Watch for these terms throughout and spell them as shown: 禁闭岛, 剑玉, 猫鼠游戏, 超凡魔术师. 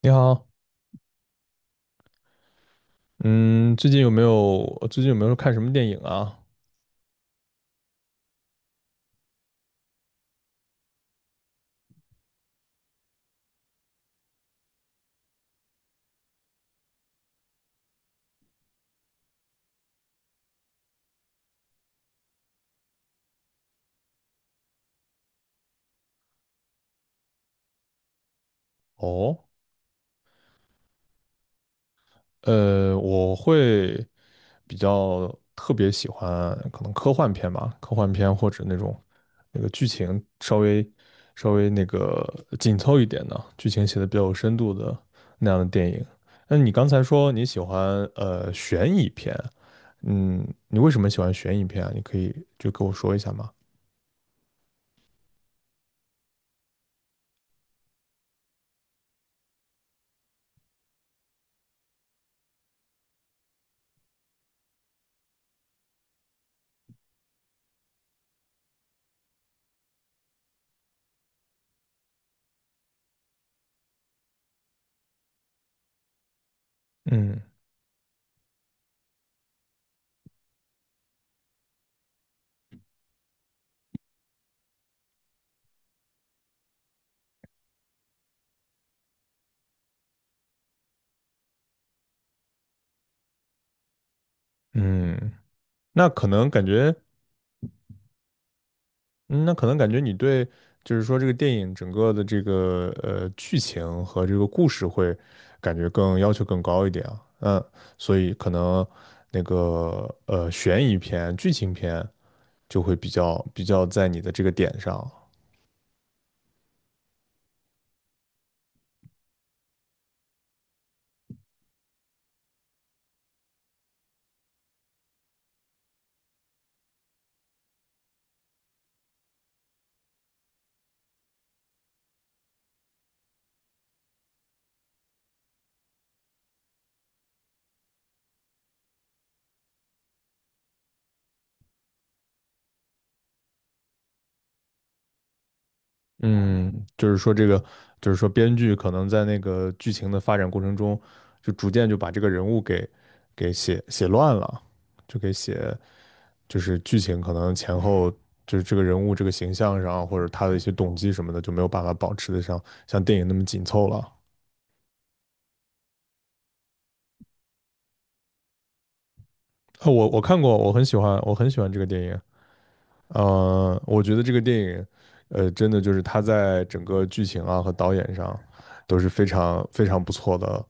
你好，嗯，最近有没有看什么电影啊？哦，我会比较特别喜欢可能科幻片吧，科幻片或者那种那个剧情稍微那个紧凑一点的，剧情写的比较有深度的那样的电影。那你刚才说你喜欢悬疑片，嗯，你为什么喜欢悬疑片啊？你可以就跟我说一下吗？嗯，嗯，那可能感觉。嗯，那可能感觉你对，就是说这个电影整个的这个剧情和这个故事会感觉更要求更高一点啊，嗯，所以可能那个悬疑片、剧情片就会比较在你的这个点上，嗯，就是说编剧可能在那个剧情的发展过程中，就逐渐就把这个人物给写乱了，就给写就是剧情可能前后就是这个人物这个形象上，或者他的一些动机什么的，就没有办法保持得上像电影那么紧凑了。哦，我看过，我很喜欢，我很喜欢这个电影。呃，我觉得这个电影，呃，真的就是他在整个剧情啊和导演上都是非常非常不错的，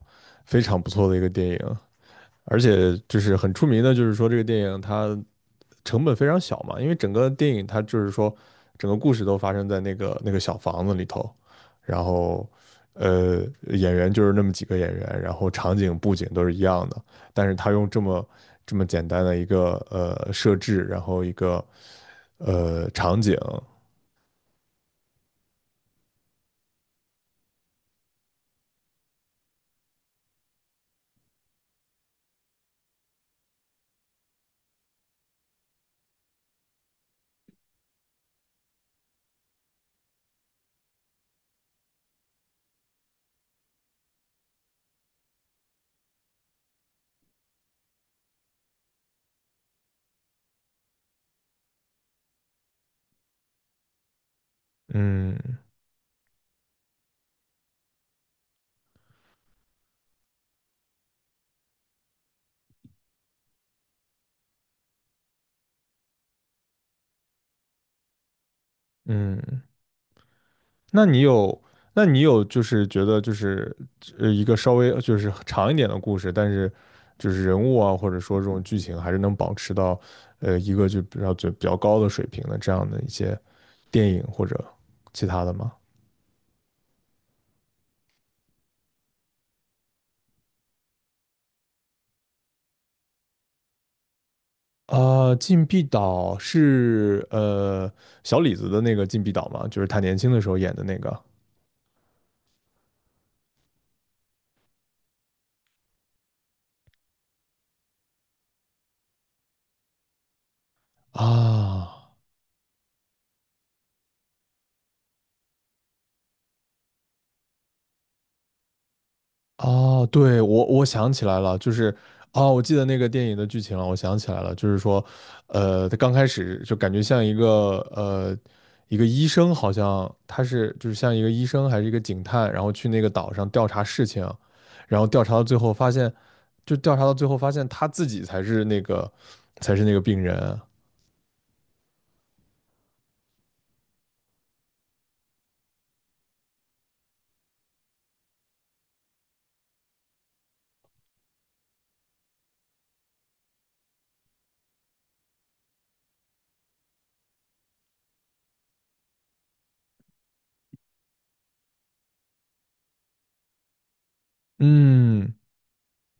非常不错的一个电影。而且就是很出名的，就是说这个电影它成本非常小嘛，因为整个电影它就是说，整个故事都发生在那个小房子里头，然后呃，演员就是那么几个演员，然后场景布景都是一样的，但是他用这么简单的一个设置，然后一个场景，嗯。嗯，那你有，那你有，就是觉得就是一个稍微就是长一点的故事，但是就是人物啊，或者说这种剧情，还是能保持到一个就比较高的水平的这样的一些电影或者其他的吗？啊，禁闭岛是小李子的那个禁闭岛吗？就是他年轻的时候演的那个啊。哦，对，我想起来了，就是哦，我记得那个电影的剧情了，我想起来了，就是说，呃，他刚开始就感觉像一个一个医生，好像他是就是像一个医生还是一个警探，然后去那个岛上调查事情，然后调查到最后发现，就调查到最后发现他自己才是那个病人，嗯，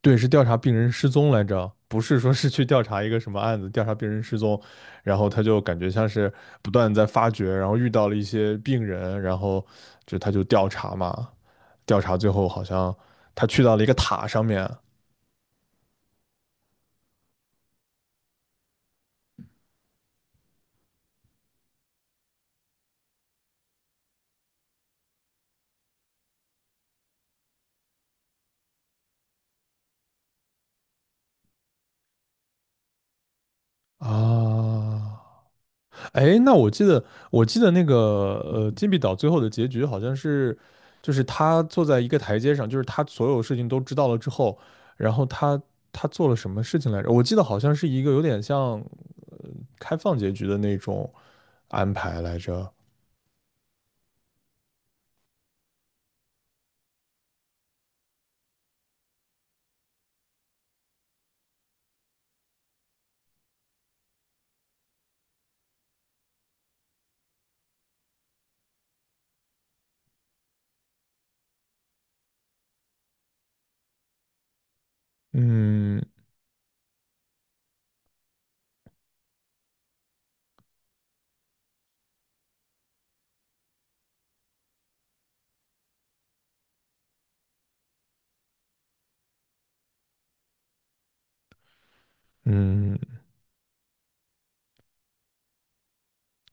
对，是调查病人失踪来着，不是说是去调查一个什么案子，调查病人失踪，然后他就感觉像是不断在发掘，然后遇到了一些病人，然后就他就调查嘛，调查最后好像他去到了一个塔上面。啊，哎，那我记得那个金币岛最后的结局好像是，就是他坐在一个台阶上，就是他所有事情都知道了之后，然后他做了什么事情来着？我记得好像是一个有点像。开放结局的那种安排来着。嗯。嗯，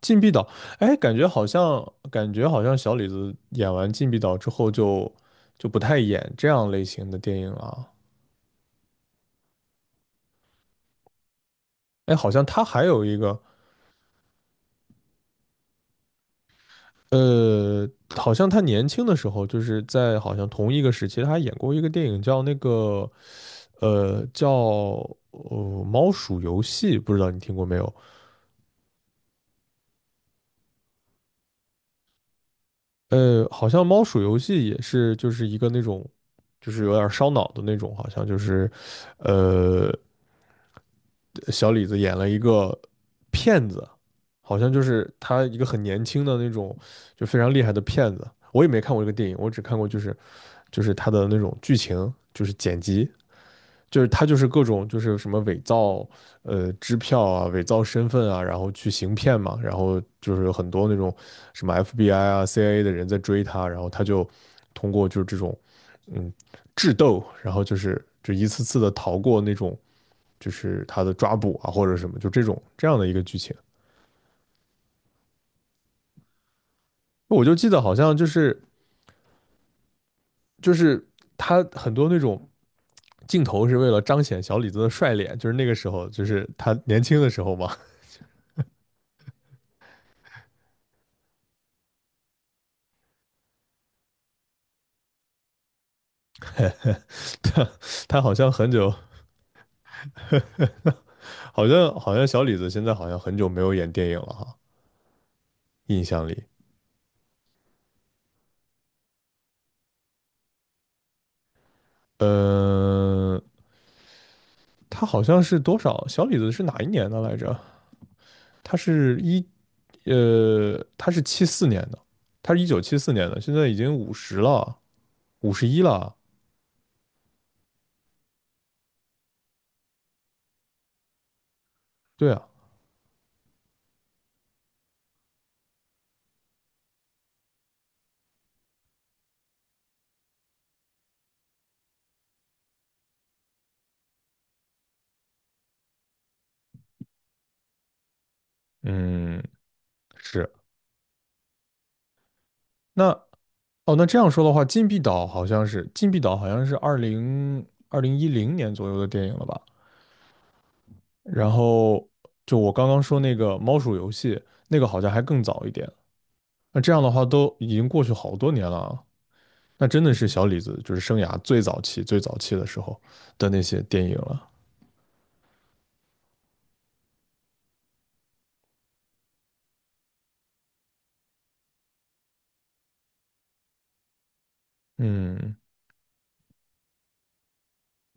禁闭岛，哎，感觉好像小李子演完禁闭岛之后就不太演这样类型的电影了。哎，好像他还有一个，呃，好像他年轻的时候，就是在好像同一个时期，他还演过一个电影叫那个，呃，叫《猫鼠游戏》，不知道你听过没有？呃，好像猫鼠游戏也是，就是一个那种，就是有点烧脑的那种，好像就是，呃，小李子演了一个骗子，好像就是他一个很年轻的那种，就非常厉害的骗子。我也没看过这个电影，我只看过就是就是他的那种剧情，就是剪辑。就是他就是各种就是什么伪造支票啊、伪造身份啊，然后去行骗嘛，然后就是有很多那种什么 FBI 啊、CIA 的人在追他，然后他就通过就是这种嗯智斗，然后就是就一次次的逃过那种就是他的抓捕啊或者什么，就这种这样的一个剧情。我就记得好像就是就是他很多那种。镜头是为了彰显小李子的帅脸，就是那个时候，就是他年轻的时候嘛，他他好像很久好像小李子现在好像很久没有演电影了哈，印象里，呃，他好像是多少？小李子是哪一年的来着？他是一呃，他是七四年的，他是1974年的，现在已经五十了，51了。对啊，嗯，是。那哦，那这样说的话，《禁闭岛》好像是二零二零一零年左右的电影了吧？然后就我刚刚说那个猫鼠游戏，那个好像还更早一点。那这样的话都已经过去好多年了啊，那真的是小李子就是生涯最早期、最早期的时候的那些电影了。嗯，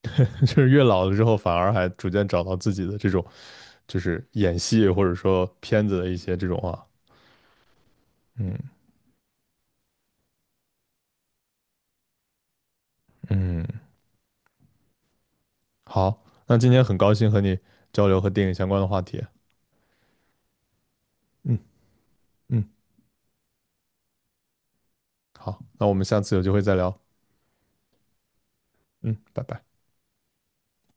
就是越老了之后，反而还逐渐找到自己的这种就是演戏或者说片子的一些这种啊，嗯。嗯，好，那今天很高兴和你交流和电影相关的话题。嗯。嗯，好，那我们下次有机会再聊。嗯，拜拜。